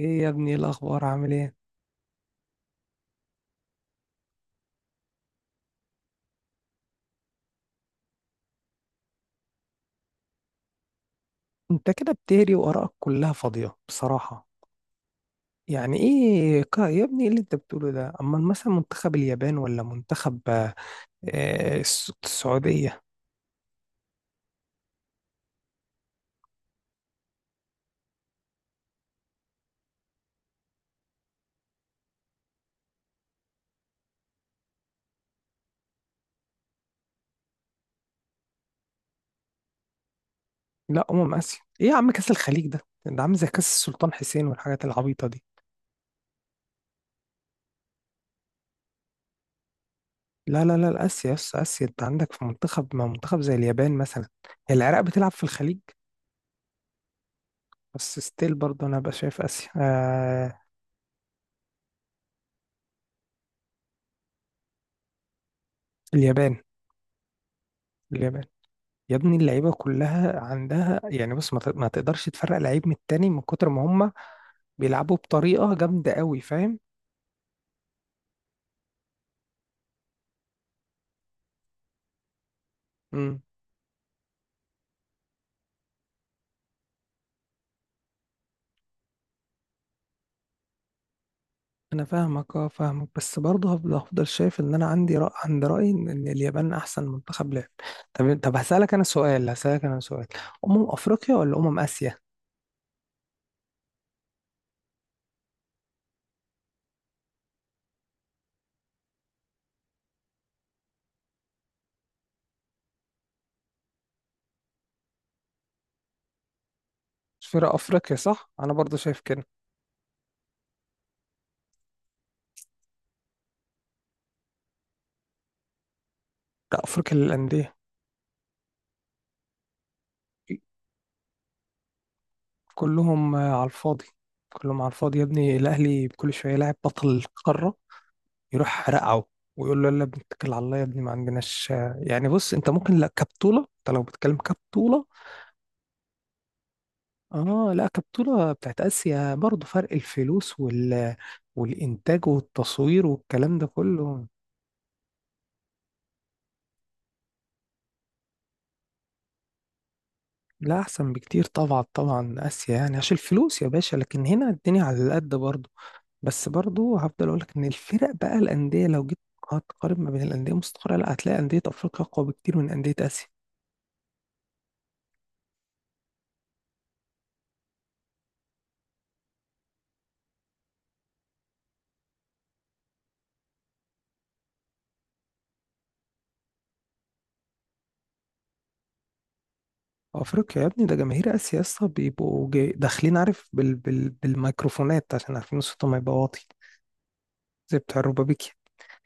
ايه يا ابني، إيه الاخبار؟ عامل ايه؟ انت كده بتهري وارائك كلها فاضيه بصراحه. يعني ايه يا ابني، ايه اللي انت بتقوله ده؟ اما مثلا منتخب اليابان ولا منتخب السعوديه. لا، اسيا ايه يا عم؟ كاس الخليج ده ده عامل زي كاس السلطان حسين والحاجات العبيطه دي. لا لا لا، اسيا، يس اسيا. انت عندك في منتخب، ما منتخب زي اليابان مثلا. هي العراق بتلعب في الخليج؟ بس ستيل برضه انا بقى شايف اسيا. اليابان. اليابان يا ابني، اللعيبه كلها عندها. يعني بص، ما تقدرش تفرق لعيب من التاني من كتر ما هم بيلعبوا بطريقه جامده قوي، فاهم؟ امم. انا فاهمك، اه، فاهمك. بس برضه هفضل شايف ان انا عندي عند رايي إن اليابان احسن منتخب لعب. طب، طب، هسالك انا سؤال. افريقيا ولا اسيا؟ فرق افريقيا، صح، انا برضه شايف كده. لا، افريقيا للانديه. كلهم على الفاضي. كلهم على الفاضي يا ابني، الاهلي كل شويه لاعب بطل القاره يروح رقعه ويقول له يلا يا ابني اتكل على الله، يا ابني ما عندناش. يعني بص، انت ممكن، لا كبطولة، انت لو بتتكلم كبطولة. اه، لا، كبطولة بتاعت اسيا برضه، فرق الفلوس والانتاج والتصوير والكلام ده كله. لا، احسن بكتير طبعا، طبعا اسيا يعني عشان الفلوس يا باشا، لكن هنا الدنيا على قد برضه. بس برضه هفضل اقول لك ان الفرق بقى الاندية. لو جيت هتقارن ما بين الاندية مستقرة، لا، هتلاقي اندية افريقيا اقوى بكتير من اندية اسيا. افريقيا يا ابني! ده جماهير اسيا يا اسطى بيبقوا داخلين عارف بالميكروفونات عشان عارفين صوتهم هيبقى واطي زي بتاع الربابيكي.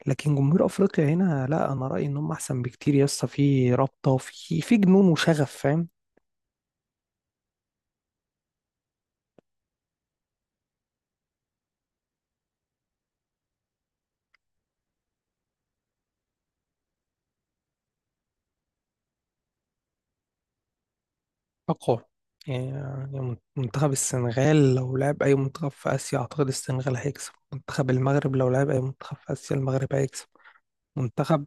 لكن جمهور افريقيا هنا لا، انا رايي انهم احسن بكتير يا اسطى، في رابطه وفي جنون وشغف، فاهم؟ اقوى يعني. يعني منتخب السنغال لو لعب اي منتخب في اسيا اعتقد السنغال هيكسب، منتخب المغرب لو لعب اي منتخب في اسيا المغرب هيكسب. منتخب.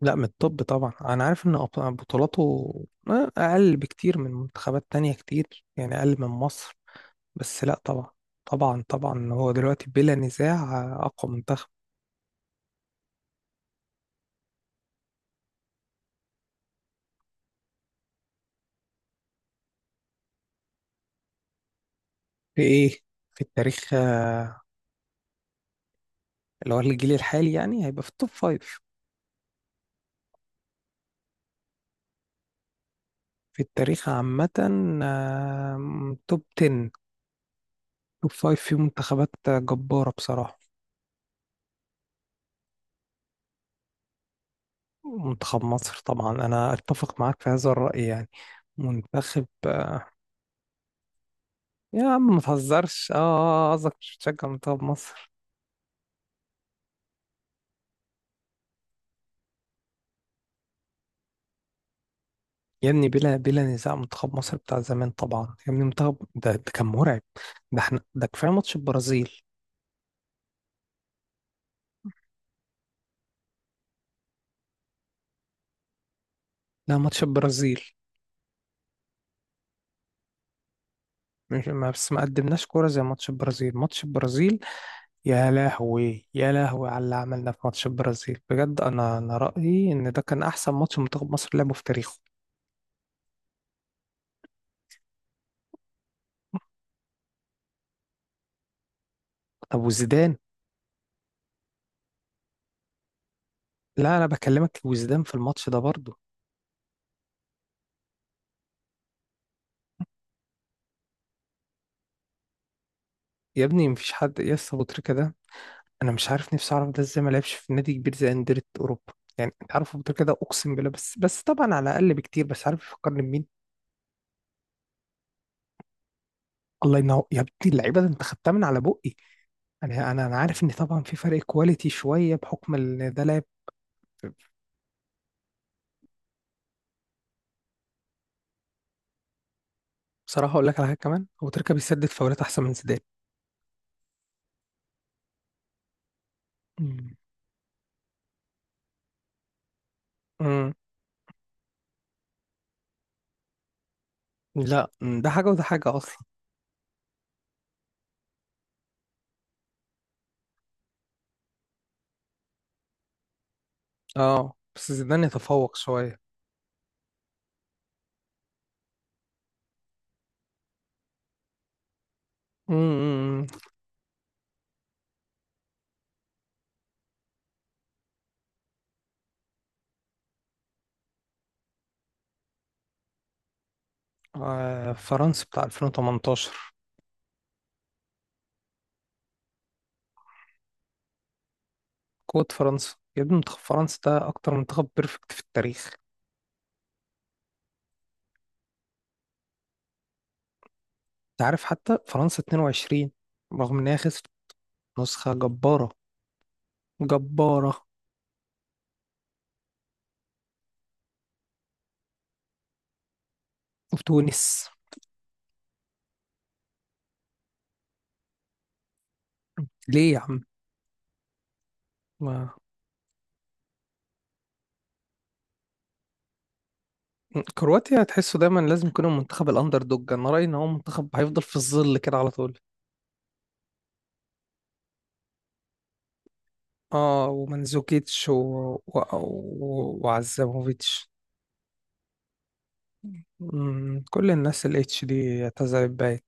لا، من الطب طبعا، انا عارف ان بطولاته اقل بكتير من منتخبات تانية كتير يعني اقل من مصر. بس لا، طبعا. طبعا طبعا هو دلوقتي بلا نزاع اقوى منتخب. في ايه؟ في التاريخ. اللي هو الجيل الحالي يعني هيبقى في التوب فايف. في التاريخ عامة توب 10، توب فايف، في منتخبات جبارة بصراحة. منتخب مصر طبعا، انا اتفق معاك في هذا الرأي يعني. منتخب. يا عم ما تهزرش قصدك مش بتشجع منتخب مصر؟ يا ابني بلا نزاع منتخب مصر بتاع زمان طبعا يا ابني، منتخب ده كان مرعب. ده احنا ده كفايه ماتش البرازيل. لا، ماتش البرازيل. مش ما بس ما قدمناش كوره زي ماتش البرازيل، ماتش البرازيل. يا لهوي، يا لهوي على اللي عملنا في ماتش البرازيل بجد، انا رايي ان ده كان احسن ماتش منتخب مصر لعبه في تاريخه. طب وزيدان؟ لا، انا بكلمك وزيدان في الماتش ده برضه. يا ابني مفيش حد يا اسطى، أبو تريكة ده انا مش عارف نفسي اعرف ده ازاي ما لعبش في نادي كبير زي انديه اوروبا. يعني انت عارف أبو تريكة ده، اقسم بالله، بس طبعا على اقل بكتير، بس عارف يفكرني بمين؟ الله ينور يا ابني، اللعيبه ده انت خدتها من على بقي. انا عارف ان طبعا في فرق كواليتي شويه بحكم ان ده لاعب. بصراحه اقول لك على حاجه كمان، أبو تريكة بيسدد فاولات احسن من زيدان. مم. مم. لا، ده حاجه وده حاجه اصلا. اه بس زيدان يتفوق شويه. مم. آه، فرنسا بتاع 2018. قوة فرنسا يا ابني، منتخب فرنسا ده أكتر منتخب بيرفكت في التاريخ. أنت عارف حتى فرنسا 22، رغم إن هي خسرت، نسخة جبارة، جبارة. وتونس. ليه يا عم؟ ما. كرواتيا هتحسه دايما لازم يكون المنتخب الأندر دوج. أنا رأيي إن هو منتخب هيفضل في الظل كده على طول. آه، ومنزوكيتش وعزاموفيتش. كل الناس الاتش دي اعتزلت باين.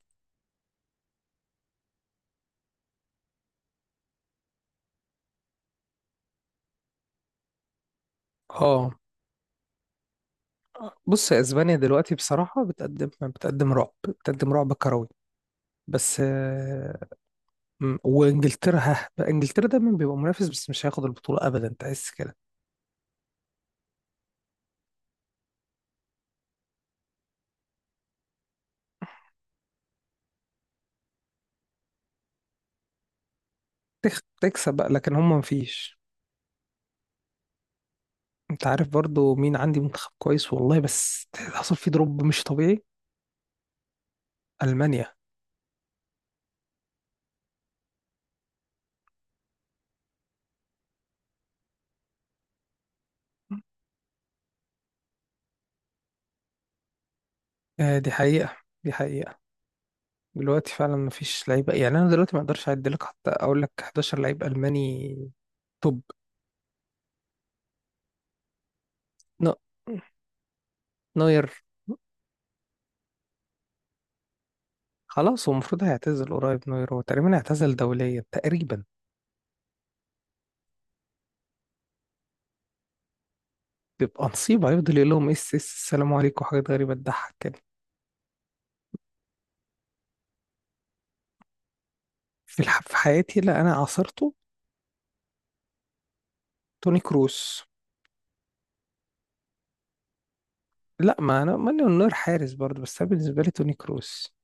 آه، بص، يا اسبانيا دلوقتي بصراحة بتقدم، بتقدم رعب، بتقدم رعب كروي. بس وانجلترا، ها بقى، انجلترا دايما بيبقى منافس بس مش هياخد البطولة ابدا، تحس كده. تكسب بقى، لكن هم مفيش. انت عارف برضو مين عندي منتخب كويس والله، بس حصل فيه دروب مش طبيعي؟ المانيا. آه، دي حقيقة. دي حقيقة. دلوقتي فعلا مفيش لعيبة، يعني أنا دلوقتي ما أقدرش أعد لك حتى أقول لك 11 لعيب ألماني توب. نو نوير. خلاص، هو المفروض هيعتزل قريب، نوير هو تقريبا اعتزل دوليا تقريبا. بيبقى نصيب هيفضل يقول لهم اس السلام عليكم وحاجات غريبة تضحك كده. في في حياتي؟ لا انا عاصرته. توني كروس. لا، ما انا ماني النور حارس برضه، بس أنا بالنسبة لي توني كروس.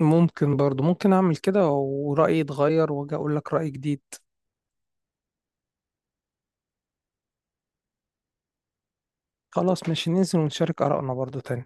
ممكن برضه، ممكن اعمل كده ورأيي يتغير واجي اقول لك رأي جديد. خلاص ماشي، ننزل ونشارك آرائنا برضه تاني.